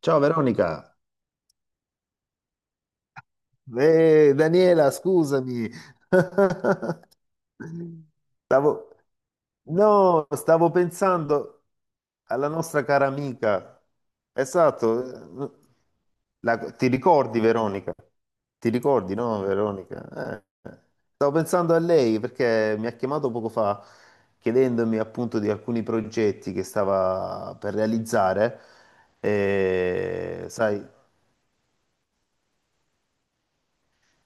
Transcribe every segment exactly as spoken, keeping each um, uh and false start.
Ciao Veronica. Eh, Daniela, scusami. Stavo... No, stavo pensando alla nostra cara amica. Esatto. La- Ti ricordi, Veronica? Ti ricordi, no, Veronica? Eh. eh. Stavo pensando a lei perché mi ha chiamato poco fa chiedendomi appunto di alcuni progetti che stava per realizzare. E, sai,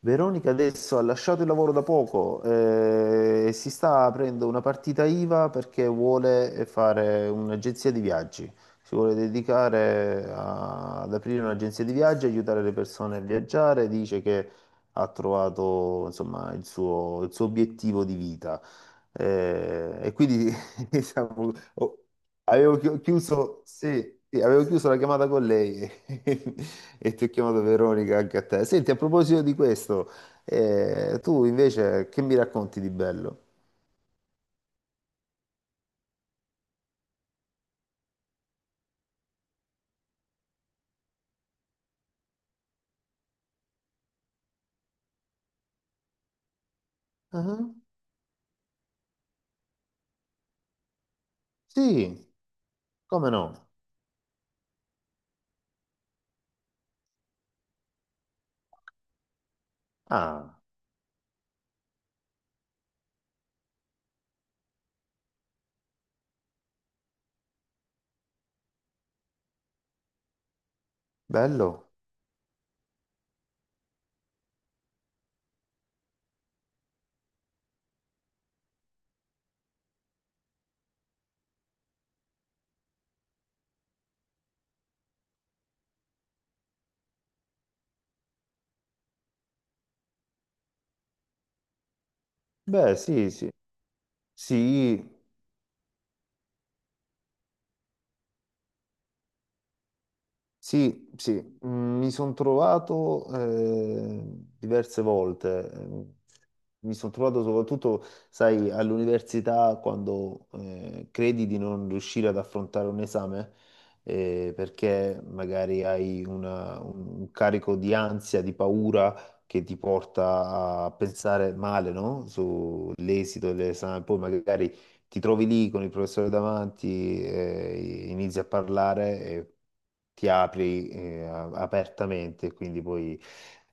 Veronica adesso ha lasciato il lavoro da poco, eh, e si sta aprendo una partita IVA perché vuole fare un'agenzia di viaggi. Si vuole dedicare a- ad aprire un'agenzia di viaggi, aiutare le persone a viaggiare. Dice che ha trovato, insomma, il suo, il suo obiettivo di vita. Eh, e quindi diciamo, oh, avevo chi- chiuso, sì, sì, avevo chiuso la chiamata con lei. E ti ho chiamato Veronica anche a te. Senti, a proposito di questo, eh, tu invece che mi racconti di bello? Ah, sì, come no? Ah, bello? Beh, sì, sì. Sì. Sì, sì, mm, mi sono trovato eh, diverse volte, ehm, mi sono trovato soprattutto, sai, all'università quando eh, credi di non riuscire ad affrontare un esame, eh, perché magari hai una- un un carico di ansia, di paura che ti porta a pensare male, no? Sull'esito dell'esame, poi magari ti trovi lì con il professore davanti, eh, inizi a parlare e ti apri, eh, a- apertamente, quindi poi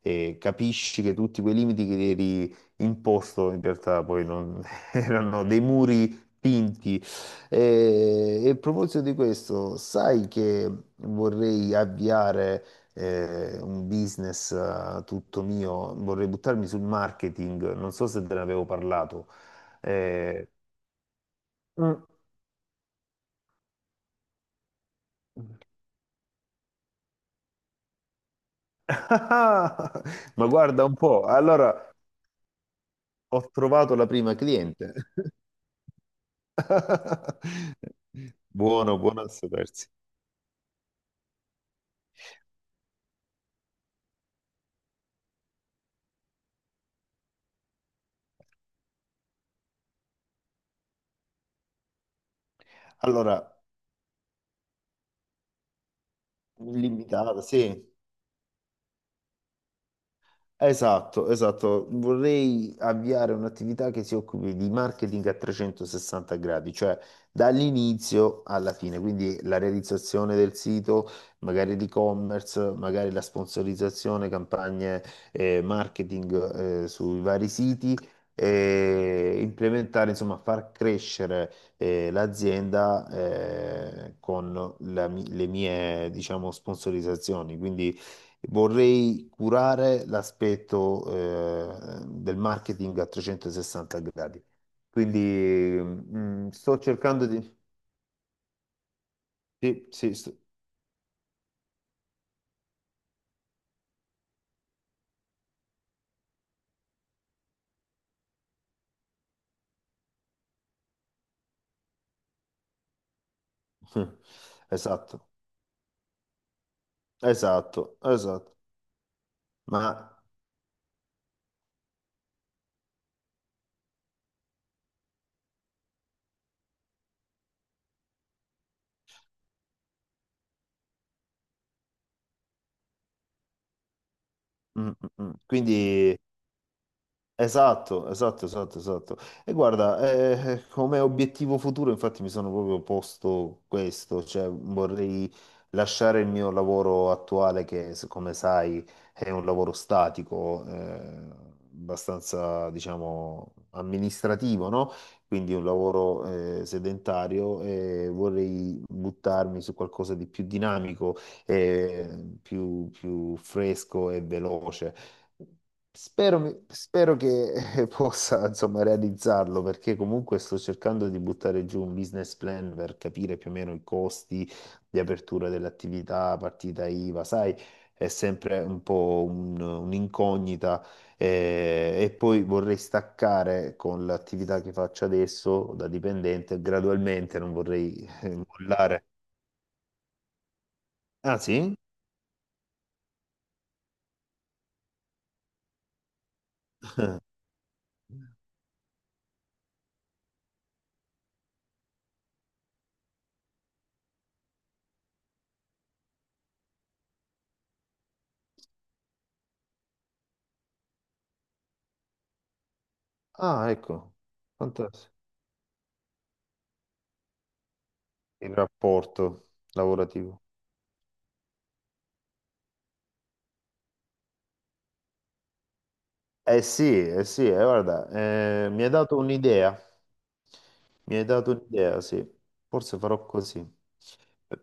eh, capisci che tutti quei limiti che ti eri imposto in realtà poi non- erano dei muri pinti. E, e a proposito di questo, sai che vorrei avviare eh, un business, eh, tutto mio, vorrei buttarmi sul marketing, non so se te ne avevo parlato. Eh, Mm. Ah, ma guarda un po', allora ho trovato la prima cliente. Buono, buono a sapersi. Allora, limitata, sì, esatto, esatto. Vorrei avviare un'attività che si occupi di marketing a trecentosessanta gradi, cioè dall'inizio alla fine, quindi la realizzazione del sito, magari l'e-commerce, magari la sponsorizzazione, campagne, eh, marketing, eh, sui vari siti, e implementare, insomma, far crescere eh, l'azienda eh, con la mi- le mie, diciamo, sponsorizzazioni. Quindi vorrei curare l'aspetto eh, del marketing a trecentosessanta gradi. Quindi mm, sto cercando di... Sì, sì, sto- Esatto, esatto, esatto. Ma mm, mm, mm. quindi esatto, esatto, esatto, esatto. E guarda, eh, eh, come obiettivo futuro, infatti, mi sono proprio posto questo, cioè vorrei lasciare il mio lavoro attuale, che, se- come sai, è un lavoro statico, eh, abbastanza, diciamo, amministrativo, no? Quindi un lavoro, eh, sedentario, e vorrei buttarmi su qualcosa di più dinamico, eh, più più fresco e veloce. Spero, mi- spero che eh, possa, insomma, realizzarlo, perché comunque sto cercando di buttare giù un business plan per capire più o meno i costi di apertura dell'attività, partita IVA, sai, è sempre un po' un- un'incognita, eh, e poi vorrei staccare con l'attività che faccio adesso da dipendente gradualmente, non vorrei eh, mollare. Ah sì? Ah, ecco, fantastico. Il rapporto lavorativo. Eh sì, eh sì, eh, guarda, eh, mi hai dato un'idea, mi hai dato un'idea, sì, forse farò così. Eh,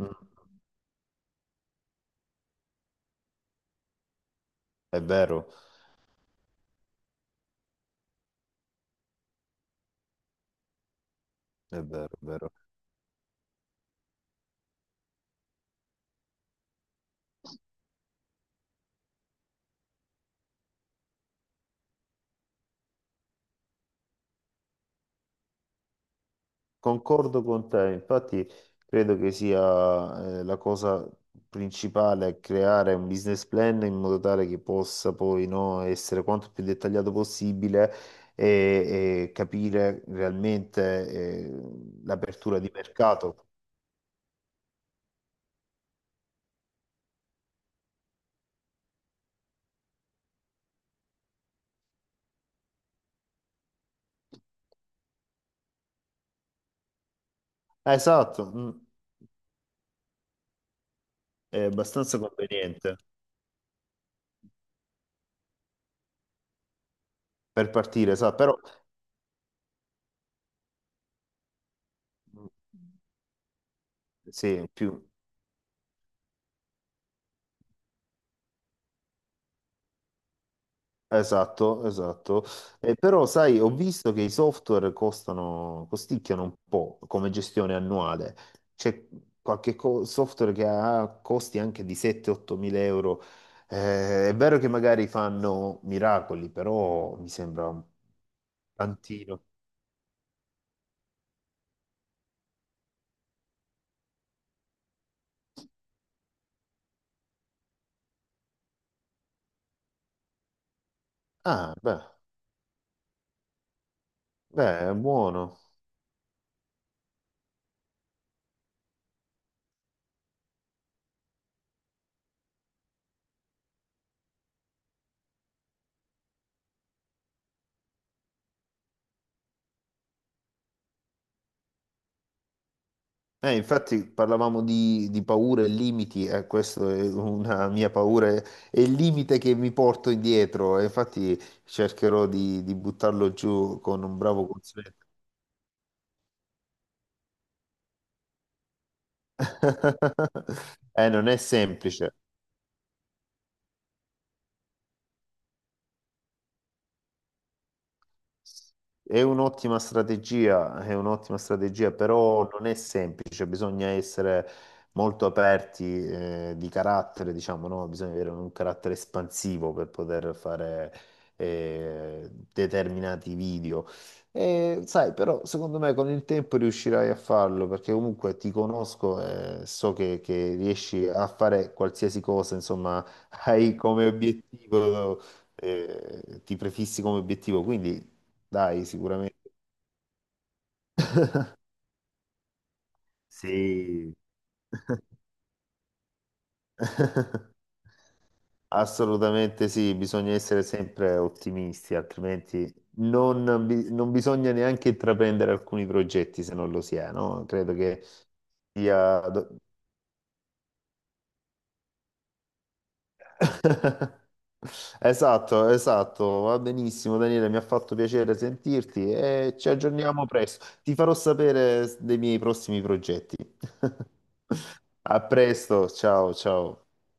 Mm, è vero, è vero, è vero. Concordo con te, infatti credo che sia eh, la cosa principale creare un business plan in modo tale che possa, poi, no, essere quanto più dettagliato possibile e, e capire realmente eh, l'apertura di mercato. Ah, esatto. Mm. È abbastanza conveniente per partire, sa, però sì, più esatto, esatto. Eh, però, sai, ho visto che i software costano, costicchiano un po' come gestione annuale. C'è qualche co- software che ha costi anche di sette otto mila euro. Eh, è vero che magari fanno miracoli, però mi sembra un tantino. Ah, beh, beh, è buono. Eh, infatti parlavamo di, di paure e limiti. Eh, questa è una mia paura e il limite che mi porto indietro, e infatti cercherò di, di buttarlo giù con un bravo consulente. Eh, non è semplice. È un'ottima strategia, è un'ottima strategia, però non è semplice, bisogna essere molto aperti, eh, di carattere, diciamo, no? Bisogna avere un carattere espansivo per poter fare, eh, determinati video. E, sai, però secondo me con il tempo riuscirai a farlo, perché comunque ti conosco e so che, che riesci a fare qualsiasi cosa, insomma, hai come obiettivo, eh, ti prefissi come obiettivo, quindi dai, sicuramente. Sì. Assolutamente sì, bisogna essere sempre ottimisti, altrimenti non, bi- non bisogna neanche intraprendere alcuni progetti se non lo si è, no? Credo che sia... do- Esatto, esatto, va benissimo, Daniele, mi ha fatto piacere sentirti e ci aggiorniamo presto. Ti farò sapere dei miei prossimi progetti. A presto, ciao ciao.